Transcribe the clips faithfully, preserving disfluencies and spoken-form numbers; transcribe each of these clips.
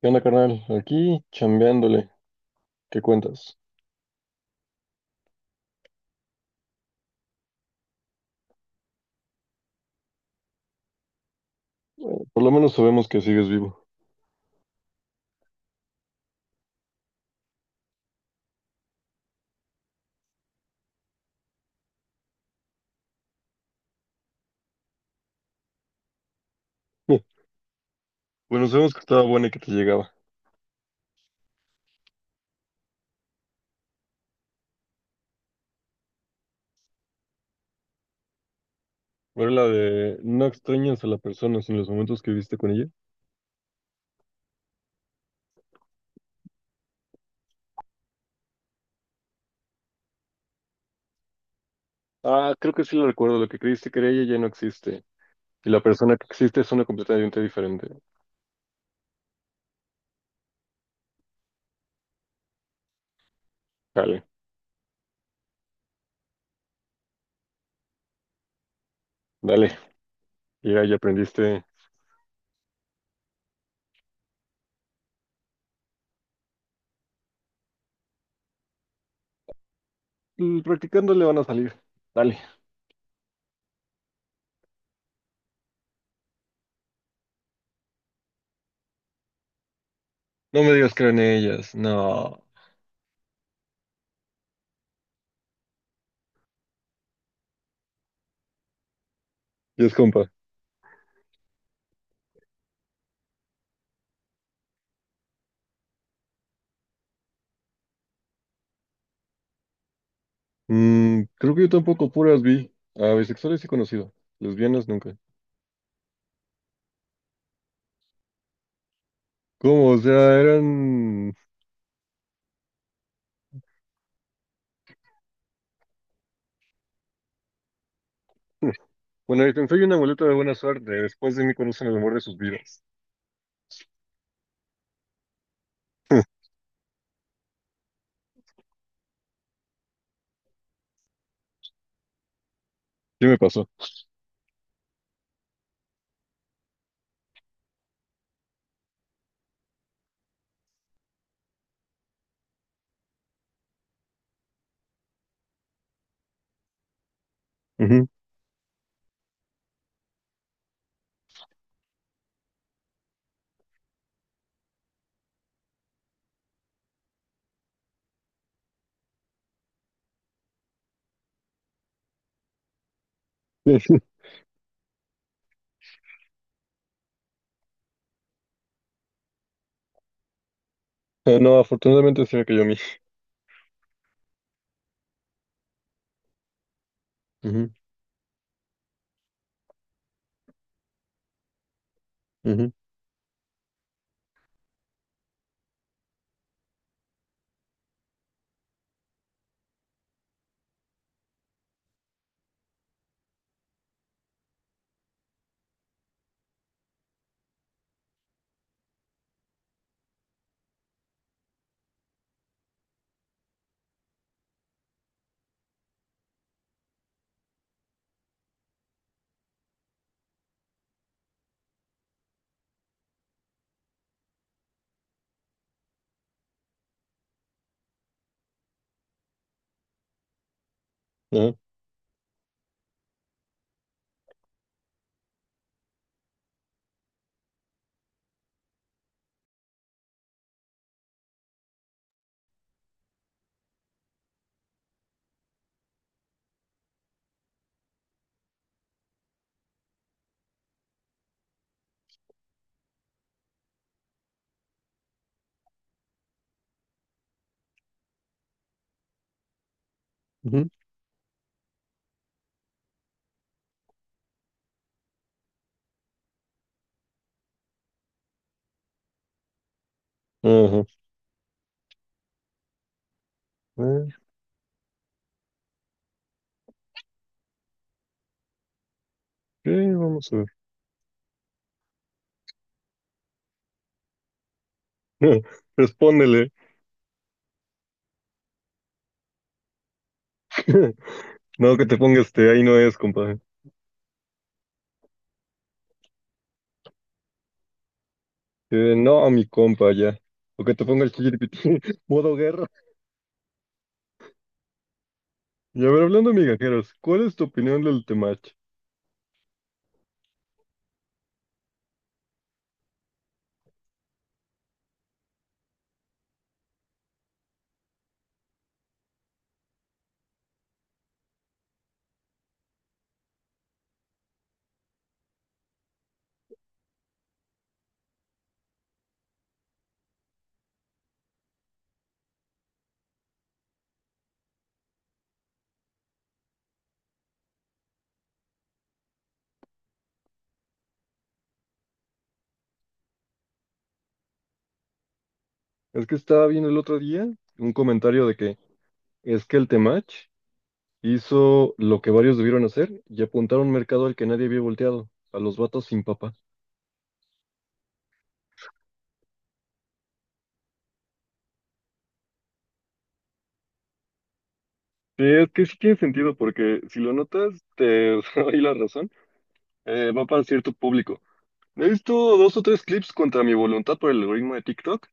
¿Qué onda, carnal? Aquí chambeándole. ¿Qué cuentas? Por lo menos sabemos que sigues vivo. Bueno, sabemos que estaba buena y que te llegaba. ¿Era la de no extrañas a la persona sin los momentos que viviste con ella? Ah, creo que sí lo recuerdo. Lo que creíste que era ella ya no existe. Y la persona que existe es una completamente diferente. Dale, dale. Ya, ya aprendiste. Mm, practicándole van a salir. Dale. No me digas que eran ellas. No. Y es compa. Mm, creo que yo tampoco puras vi. A bisexuales sí he conocido. Lesbianas nunca. ¿Cómo? O sea, eran... Bueno, yo soy una muleta de buena suerte. Después de mí conocen el amor de sus vidas. ¿Qué me pasó? Ujú. Eh, No, afortunadamente se me cayó a mí. Ujú, ujú, ajá, ujú, ajá. Eh, ok, vamos a ver. Respóndele. No, que te ponga este, ahí no es, compa. Eh, no, a mi compa, ya. O que te ponga el chiripitín, modo guerra. Y a ver, hablando de migajeros, ¿cuál es tu opinión del Temach? Es que estaba viendo el otro día un comentario de que es que el Temach hizo lo que varios debieron hacer y apuntar a un mercado al que nadie había volteado, a los vatos sin papá. Sí, es que sí tiene sentido, porque si lo notas, te doy la razón, eh, va para cierto público. He visto dos o tres clips contra mi voluntad por el algoritmo de TikTok,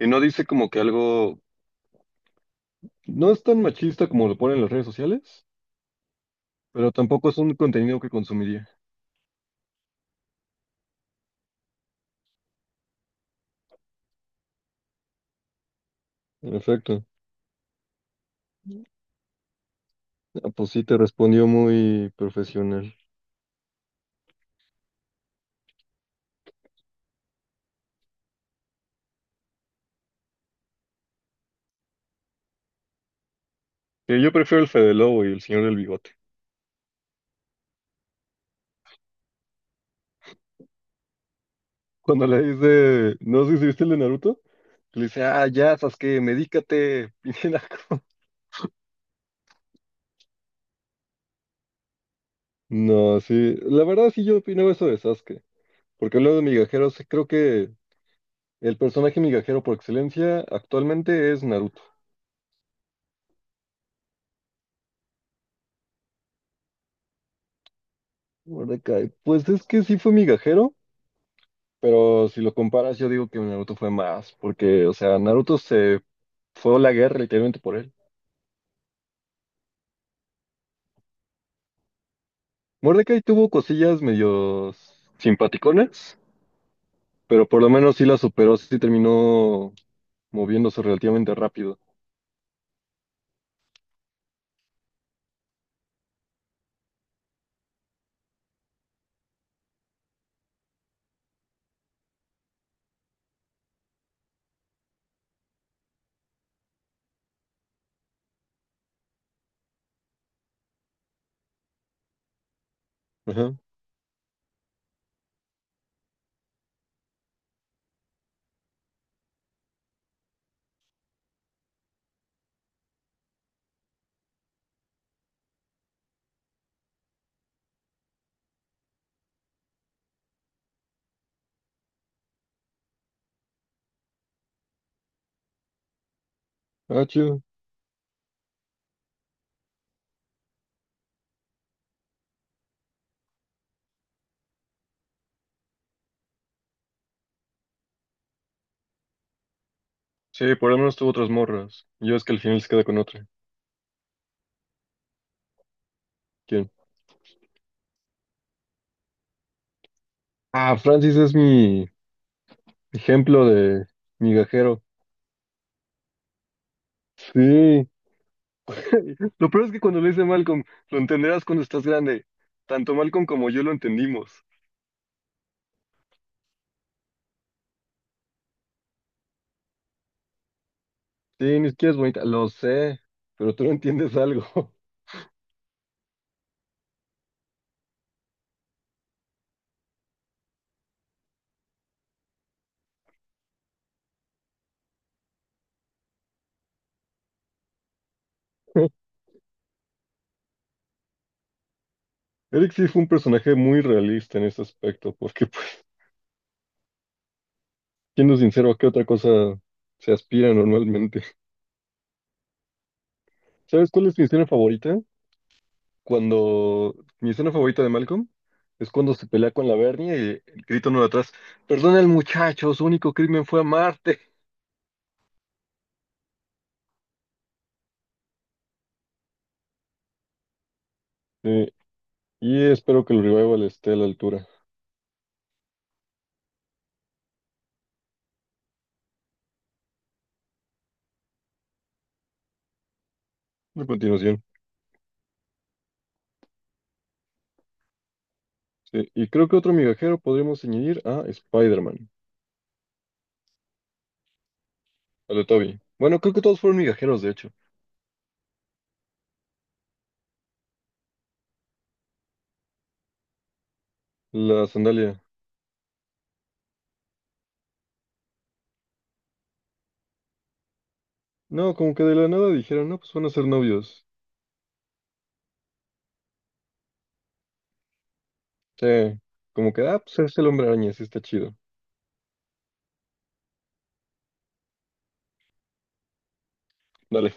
y no dice como que algo... No es tan machista como lo ponen las redes sociales, pero tampoco es un contenido que consumiría. En efecto. Ah, pues sí, te respondió muy profesional. Que yo prefiero el Fede Lobo y el señor del bigote. Cuando le dice, no sé si viste el de Naruto, que le dice, ah, ya, Sasuke, medícate. Piñinaco. No, sí, la verdad sí yo opino eso de Sasuke, porque hablando de migajeros, sí creo que el personaje migajero por excelencia actualmente es Naruto. Mordecai, pues es que sí fue migajero, pero si lo comparas yo digo que Naruto fue más, porque, o sea, Naruto se fue a la guerra literalmente por él. Mordecai tuvo cosillas medio simpaticonas, pero por lo menos sí la superó, sí terminó moviéndose relativamente rápido. Ajá. Ah, chido. Sí, por lo menos tuvo otras morras. Yo es que al final se queda con otra. ¿Quién? Ah, Francis es mi ejemplo de migajero. Sí. Lo peor es que cuando lo dice Malcolm, lo entenderás cuando estás grande. Tanto Malcolm como yo lo entendimos. Sí, ni siquiera es bonita. Lo sé, pero tú no entiendes algo. Eric sí fue un personaje muy realista en ese aspecto, porque, pues, siendo sincero, ¿a qué otra cosa se aspira normalmente? ¿Sabes cuál es mi escena favorita? Cuando mi escena favorita de Malcolm es cuando se pelea con la Bernie y el grito no de atrás, perdona el muchacho, su único crimen fue amarte. Sí, y espero que el revival esté a la altura. A continuación. Sí, y creo que otro migajero podríamos añadir a Spider-Man, al de Toby. Bueno, creo que todos fueron migajeros, de hecho. La sandalia. No, como que de la nada dijeron, no, pues van a ser novios. Sí, como que, ah, pues es el hombre araña, sí está chido. Dale.